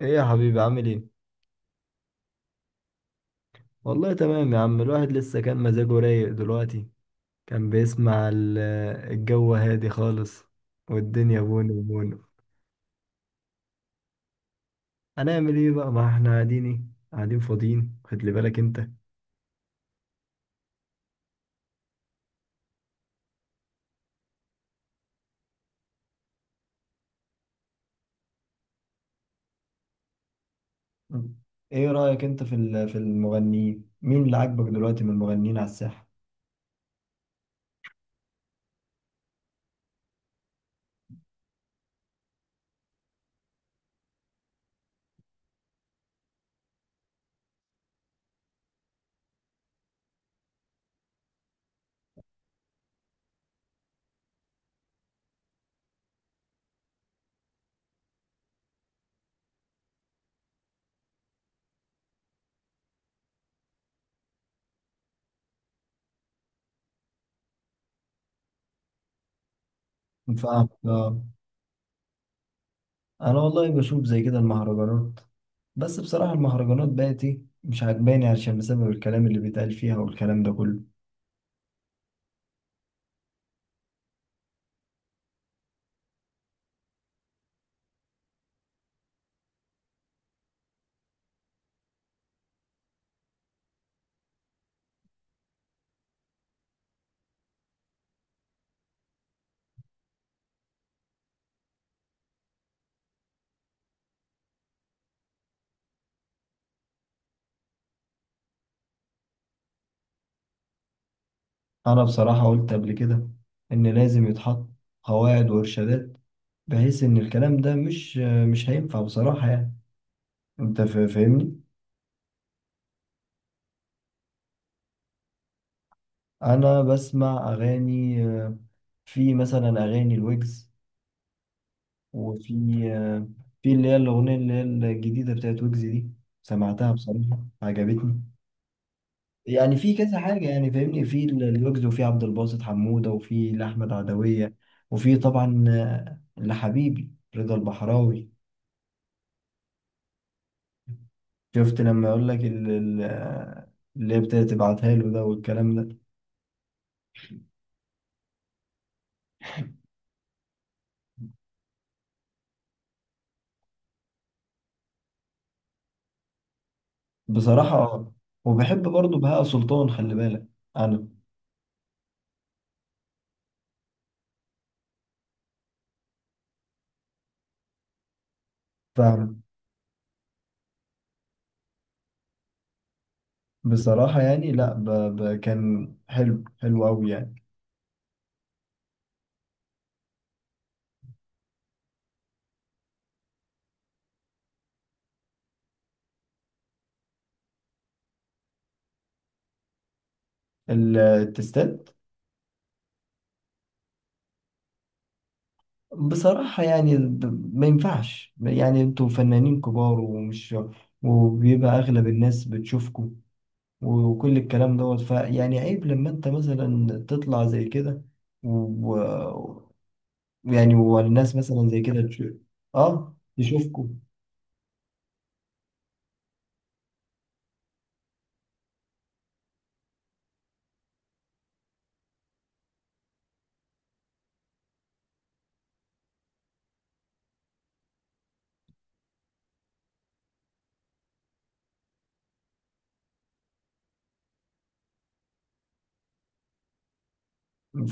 ايه يا حبيبي، عامل ايه؟ والله تمام يا عم، الواحد لسه كان مزاجه رايق. دلوقتي كان بيسمع الجو هادي خالص والدنيا بونو بونو. هنعمل ايه بقى؟ ما احنا قاعدين، ايه؟ قاعدين فاضيين، خد لي بالك انت. مم. ايه رأيك انت في المغنيين؟ مين اللي عاجبك دلوقتي من المغنيين على الساحة؟ فاهم، آه. انا والله بشوف زي كده المهرجانات، بس بصراحة المهرجانات بقت، ايه، مش عاجباني عشان بسبب الكلام اللي بيتقال فيها والكلام ده كله. أنا بصراحة قلت قبل كده إن لازم يتحط قواعد وإرشادات، بحيث إن الكلام ده مش هينفع بصراحة. يعني أنت فاهمني؟ أنا بسمع أغاني، في مثلا أغاني الويجز، وفي، آه، في اللي هي الأغنية اللي هي الجديدة بتاعت ويجز دي، سمعتها بصراحة عجبتني. يعني في كذا حاجة، يعني فاهمني، في الويجز، وفي عبد الباسط حمودة، وفي لأحمد عدوية، وفي طبعا لحبيبي رضا البحراوي. شفت لما اقول لك اللي هي ابتدت تبعتها له ده والكلام ده. بصراحة اه. وبحب برضه بهاء سلطان، خلي بالك. انا فاهم. بصراحة يعني، لا، كان حلو، حلو قوي يعني. التستات. بصراحة يعني، ما ينفعش. يعني انتوا فنانين كبار، ومش، وبيبقى اغلب الناس بتشوفكم وكل الكلام دوت، فيعني عيب لما انت مثلا تطلع زي كده، و... يعني والناس مثلا زي كده تشوف. اه تشوفكوا.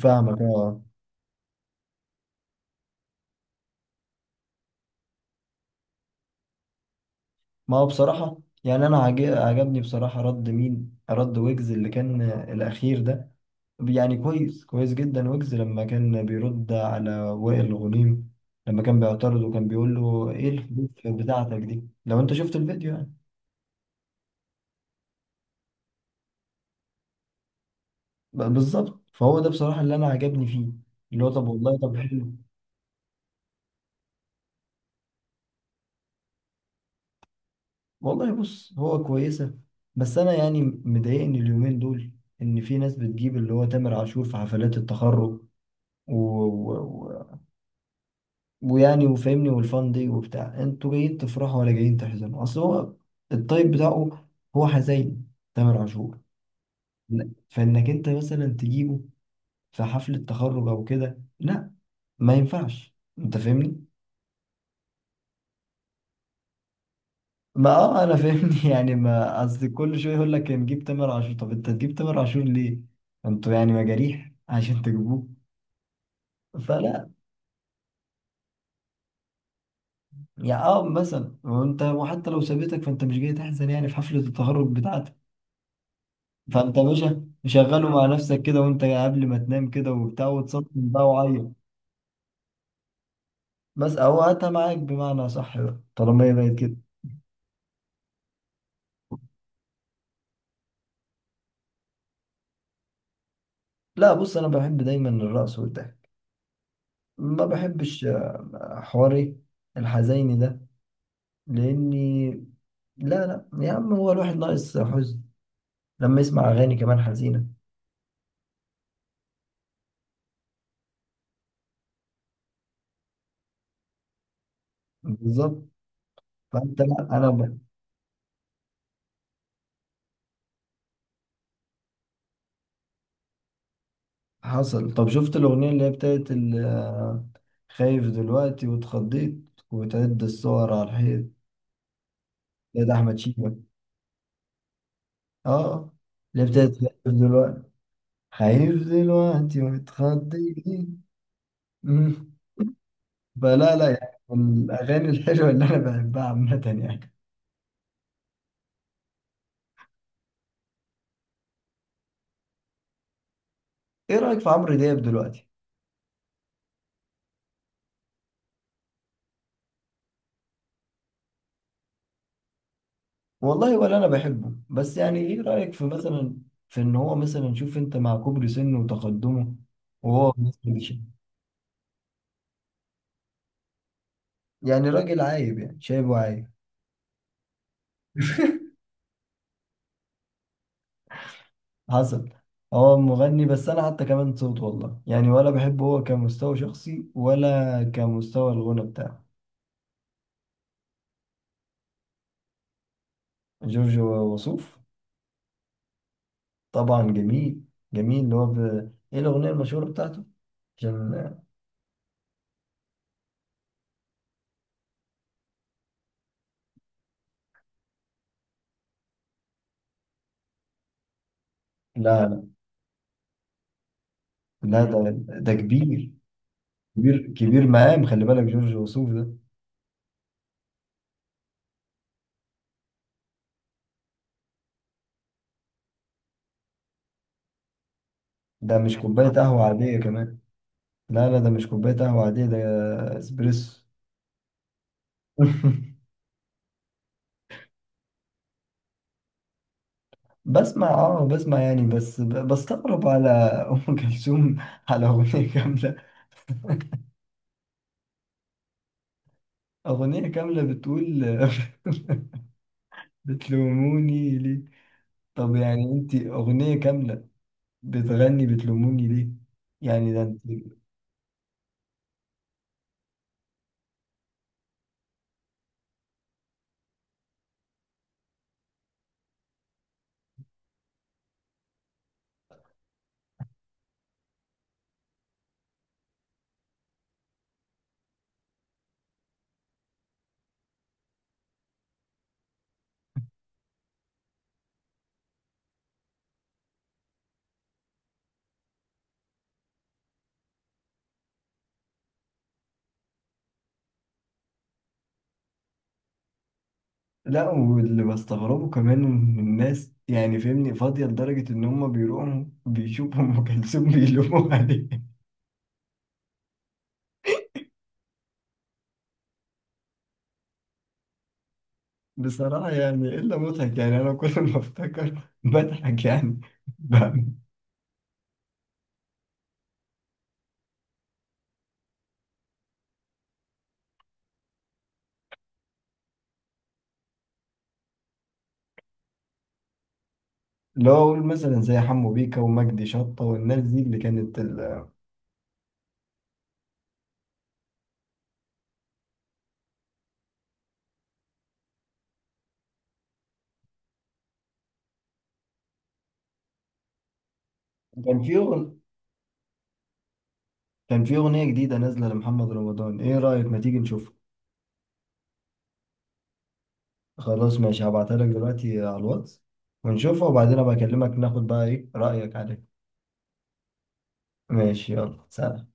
فاهمك، اه. ما هو بصراحة يعني، أنا عجبني بصراحة رد، مين رد؟ ويجز اللي كان الأخير ده، يعني كويس، كويس جدا، ويجز لما كان بيرد على وائل غنيم، لما كان بيعترض وكان بيقول له إيه الفلوس بتاعتك دي، لو أنت شفت الفيديو يعني. بالظبط، فهو ده بصراحة اللي أنا عجبني فيه، اللي هو طب والله، طب حلو. والله بص، هو كويسة، بس أنا يعني مضايقني اليومين دول إن في ناس بتجيب اللي هو تامر عاشور في حفلات التخرج. و... و... و... ويعني وفاهمني، والفان دي وبتاع، انتوا جايين تفرحوا ولا جايين تحزنوا؟ أصل هو الطيب بتاعه هو حزين، تامر عاشور. لا. فإنك أنت مثلا تجيبه في حفلة تخرج أو كده، لا، ما ينفعش. أنت فاهمني. ما اه انا فاهمني يعني ما اصل كل شويه يقول لك نجيب تامر عاشور، طب انت تجيب تامر عاشور ليه؟ انتوا يعني مجاريح عشان تجيبوه؟ فلا، يعني اه، مثلا وانت، وحتى لو سابتك فانت مش جاي تحزن يعني في حفله التخرج بتاعتك. فانت يا باشا شغله مع نفسك كده، وانت قبل ما تنام كده وبتاع، وتصمم بقى وعيط. بس او هاتها معاك، بمعنى صح بقى طالما هي بقت كده. لا بص، انا بحب دايما الرقص والضحك. ما بحبش حواري الحزيني ده، لاني، لا لا يا عم، هو الواحد ناقص حزن لما يسمع اغاني كمان حزينه؟ بالظبط. فانت، لا، انا حصل. طب شفت الاغنيه اللي هي بتاعت خايف دلوقتي واتخضيت وتعد الصور على الحيط؟ يا ده احمد شيبه. اه، اللي هي بتاعت خايف دلوقتي. خايف دلوقتي واتخضيت. مم. فلا لا يعني، من الاغاني الحلوه اللي انا بحبها عامه يعني. ايه رايك في عمرو دياب دلوقتي؟ والله ولا انا بحبه، بس يعني ايه رأيك في مثلا، في ان هو مثلا، شوف انت مع كبر سنه وتقدمه، وهو مثلا يعني راجل عايب يعني، شايبه عايب. حصل. هو مغني، بس انا حتى كمان صوت والله، يعني ولا بحبه، هو كمستوى شخصي ولا كمستوى الغنى بتاعه. جورج وسوف. طبعا جميل، جميل اللي هو ايه الاغنية المشهورة بتاعته عشان... لا لا لا، ده كبير، كبير، كبير مقام، خلي بالك جورج وسوف ده. ده مش كوباية قهوة عادية كمان. لا لا، ده مش كوباية قهوة عادية، ده اسبريسو. بسمع يعني، بس بستغرب على ام كلثوم، على اغنية كاملة. اغنية كاملة بتقول بتلوموني ليه؟ طب يعني انت، اغنية كاملة بتغني بتلوموني ليه، يعني ده انت. لا، واللي بستغربه كمان من الناس يعني، فهمني، فاضية لدرجة ان هم بيروحوا بيشوفوا ام كلثوم بيلوموا عليه. بصراحة يعني إلا مضحك يعني، أنا كل ما أفتكر بضحك يعني. ب- لو أقول مثلا زي حمو بيكا ومجدي شطة والناس دي اللي كانت كان في أغن... كان في أغنية جديدة نازلة لمحمد رمضان، إيه رأيك ما تيجي نشوفها؟ خلاص ماشي، هبعتها لك دلوقتي على الواتس، ونشوفها، وبعدين أبقى أكلمك، ناخد بقى إيه رأيك عليها. ماشي، يلا سلام.